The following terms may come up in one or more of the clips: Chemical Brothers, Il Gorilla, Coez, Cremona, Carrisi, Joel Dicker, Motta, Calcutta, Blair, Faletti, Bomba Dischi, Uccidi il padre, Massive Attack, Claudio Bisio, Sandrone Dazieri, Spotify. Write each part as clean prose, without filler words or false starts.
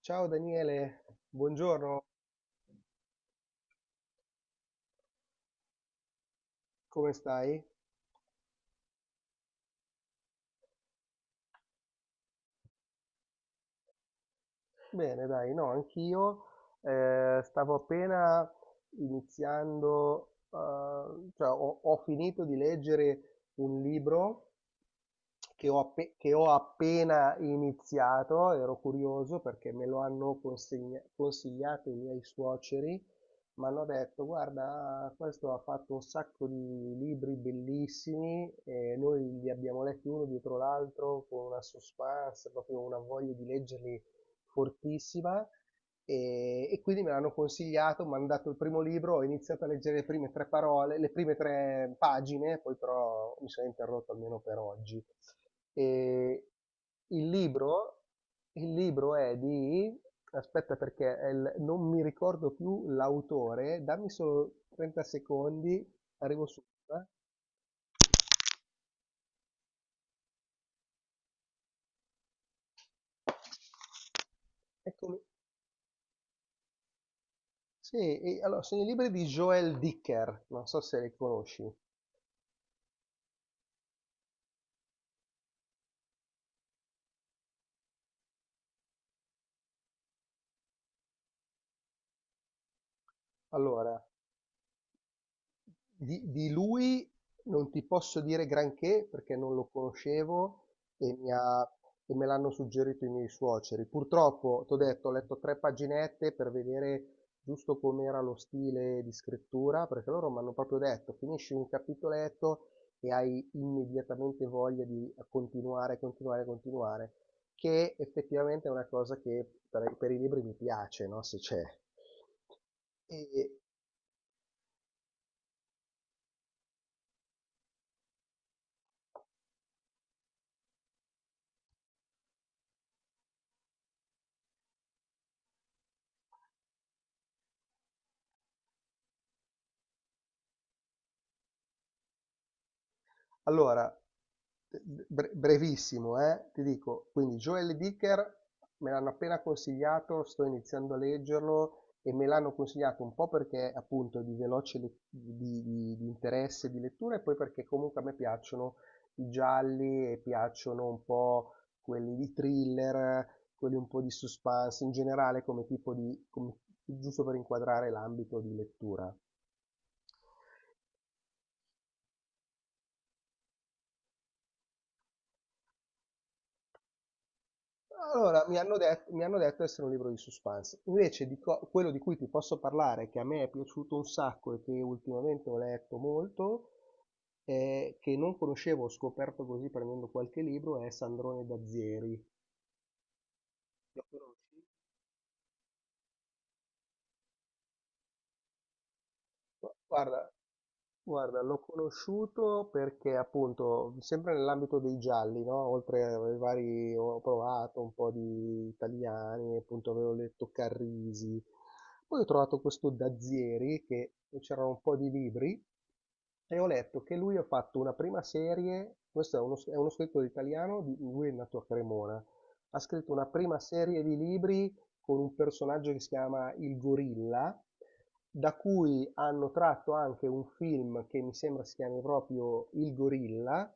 Ciao Daniele, buongiorno, come stai? Bene, dai, no, anch'io. Stavo appena iniziando. Ho finito di leggere un libro che che ho appena iniziato. Ero curioso perché me lo hanno consigliato i miei suoceri. Mi hanno detto, guarda, questo ha fatto un sacco di libri bellissimi e noi li abbiamo letti uno dietro l'altro con una suspense, proprio una voglia di leggerli fortissima. E quindi me l'hanno consigliato, mi hanno dato il primo libro, ho iniziato a leggere le prime tre parole, le prime tre pagine, poi però mi sono interrotto almeno per oggi. E il libro, il libro è di. Aspetta perché non mi ricordo più l'autore, dammi solo 30 secondi, arrivo subito. eh. Eccomi. Sì, allora, sono i libri di Joel Dicker, non so se li conosci. Allora, di lui non ti posso dire granché perché non lo conoscevo. e, mi ha- e me l'hanno suggerito i miei suoceri. Purtroppo, t'ho detto, ho letto tre paginette per vedere giusto com'era lo stile di scrittura, perché loro mi hanno proprio detto, finisci un capitoletto e hai immediatamente voglia di continuare, continuare, continuare, che effettivamente è una cosa che per i libri mi piace, no? Se c'è. E, Allora, Brevissimo, ti dico, quindi Joel Dicker me l'hanno appena consigliato, sto iniziando a leggerlo e me l'hanno consigliato un po' perché appunto di veloce di interesse di lettura e poi perché comunque a me piacciono i gialli e piacciono un po' quelli di thriller, quelli un po' di suspense in generale come giusto per inquadrare l'ambito di lettura. Allora, mi hanno detto di essere un libro di suspense. Invece quello di cui ti posso parlare, che a me è piaciuto un sacco e che ultimamente ho letto molto, che non conoscevo, ho scoperto così prendendo qualche libro, è Sandrone Dazieri. Lo conosci? Gu guarda guarda, l'ho conosciuto perché appunto, sempre nell'ambito dei gialli, no? Oltre ai vari, ho provato un po' di italiani, appunto avevo letto Carrisi. Poi ho trovato questo Dazieri che c'erano un po' di libri e ho letto che lui ha fatto una prima serie, questo è è uno scrittore italiano, lui è nato a Cremona, ha scritto una prima serie di libri con un personaggio che si chiama Il Gorilla, da cui hanno tratto anche un film che mi sembra si chiami proprio Il Gorilla,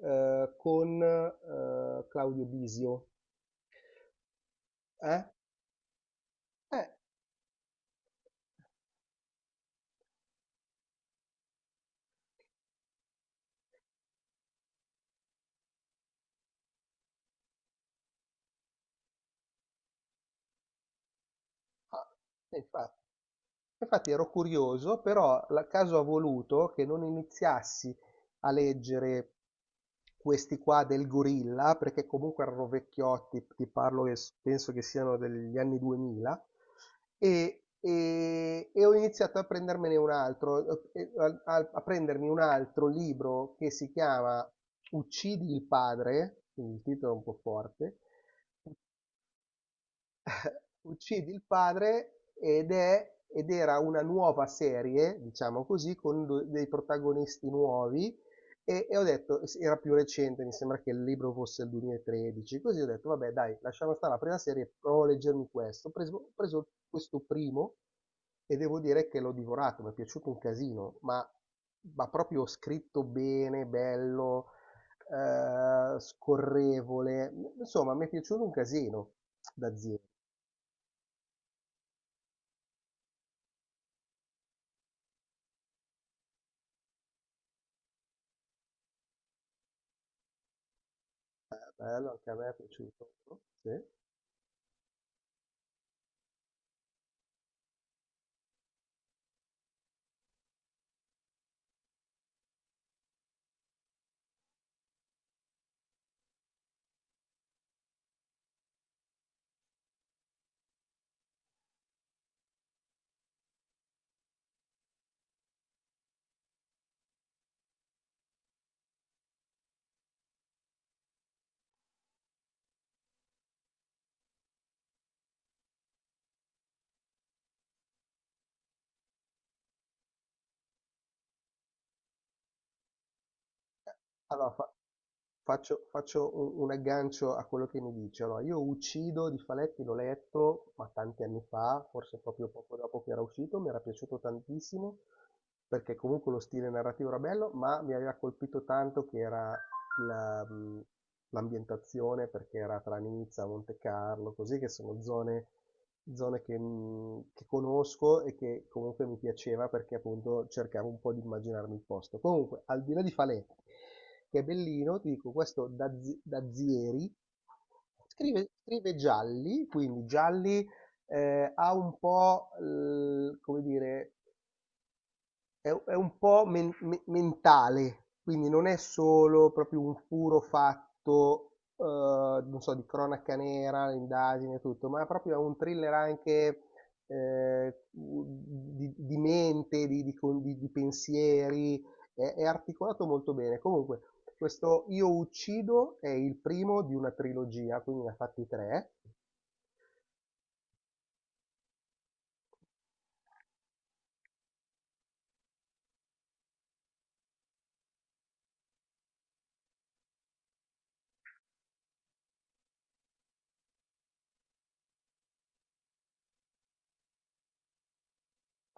con Claudio Bisio. Eh? Eh, Ah, e infatti. Infatti ero curioso, però il caso ha voluto che non iniziassi a leggere questi qua del gorilla, perché comunque erano vecchiotti, ti parlo penso che siano degli anni 2000. E ho iniziato a prendermene un altro, a prendermi un altro libro che si chiama Uccidi il padre, quindi il titolo è un po' forte. Uccidi il padre ed è ed era una nuova serie, diciamo così, con dei protagonisti nuovi. E ho detto, era più recente, mi sembra che il libro fosse il 2013, così ho detto, vabbè dai, lasciamo stare la prima serie, provo a leggermi questo. Ho preso questo primo e devo dire che l'ho divorato, mi è piaciuto un casino, ma proprio scritto bene, bello, scorrevole, insomma mi è piaciuto un casino da zero. Bello, anche a me è piaciuto. No? Sì. Allora, faccio un aggancio a quello che mi dice. Allora, Io Uccido di Faletti l'ho letto, ma tanti anni fa, forse proprio poco dopo che era uscito, mi era piaciuto tantissimo, perché comunque lo stile narrativo era bello, ma mi aveva colpito tanto che era la, mh, l'ambientazione perché era tra Nizza, Monte Carlo, così che sono zone che conosco e che comunque mi piaceva perché appunto cercavo un po' di immaginarmi il posto. Comunque, al di là di Falè, che è bellino, ti dico questo Dazieri, scrive gialli, quindi gialli ha un po', come dire, è un po' mentale, quindi non è solo proprio un puro fatto, non so, di cronaca nera, indagine e tutto, ma proprio è un thriller anche di mente, di pensieri, è articolato molto bene. Comunque, questo Io uccido è il primo di una trilogia, quindi ne ha fatti tre.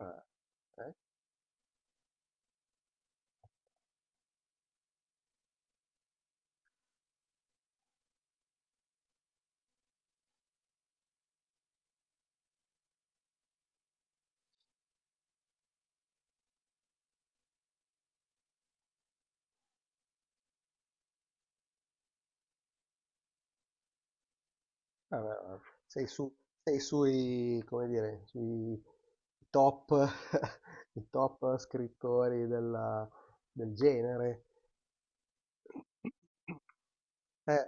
Eh, eh. Vabbè, ma sei su, sei sui, come dire, sui top, i top scrittori del genere. Eh,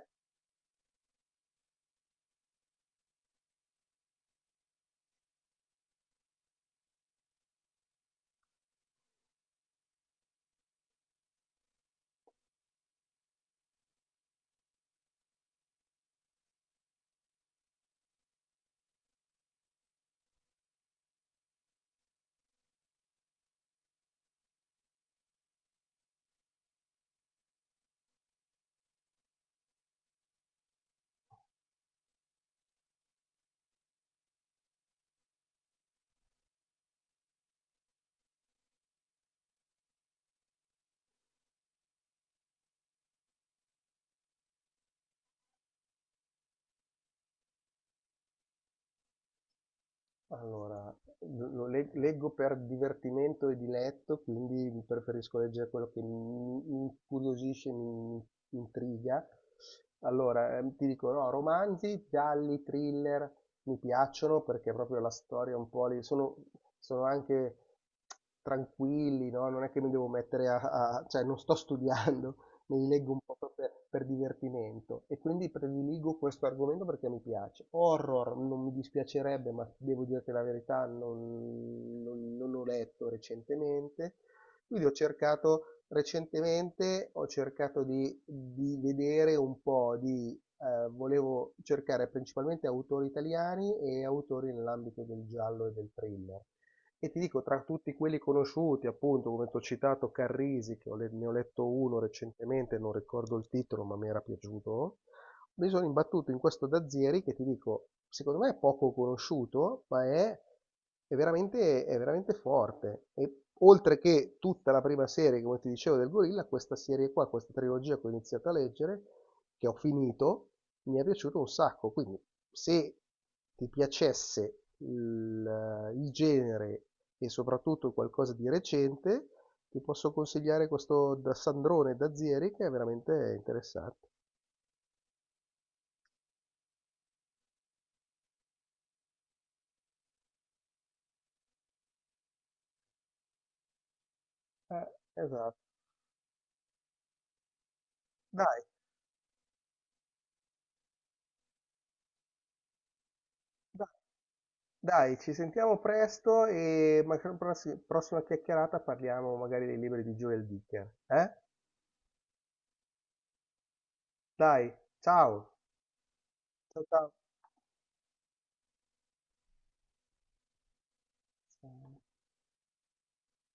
Allora, lo lo le leggo per divertimento e diletto, quindi preferisco leggere quello che mi incuriosisce, mi intriga. Allora, ti dico, no, romanzi, gialli, thriller, mi piacciono perché proprio la storia un po' lì, sono anche tranquilli, no? Non è che mi devo mettere cioè non sto studiando, me li leggo un po' per divertimento e quindi prediligo questo argomento perché mi piace. Horror non mi dispiacerebbe, ma devo dirti la verità, non ho letto recentemente. Quindi ho cercato recentemente, ho cercato di vedere un po' di... volevo cercare principalmente autori italiani e autori nell'ambito del giallo e del thriller. E ti dico, tra tutti quelli conosciuti, appunto, come ti ho citato Carrisi, ne ho letto uno recentemente, non ricordo il titolo, ma mi era piaciuto, mi sono imbattuto in questo Dazieri che ti dico, secondo me è poco conosciuto, è veramente forte. E oltre che tutta la prima serie, come ti dicevo, del Gorilla, questa serie qua, questa trilogia che ho iniziato a leggere, che ho finito, mi è piaciuto un sacco, quindi se ti piacesse il genere e soprattutto qualcosa di recente, ti posso consigliare questo da Sandrone Dazieri che è veramente interessante. Esatto. Dai, dai, Dai, ci sentiamo presto e magari prossima chiacchierata parliamo magari dei libri di Joel Dicker. Eh? Dai, ciao. Ciao, ciao.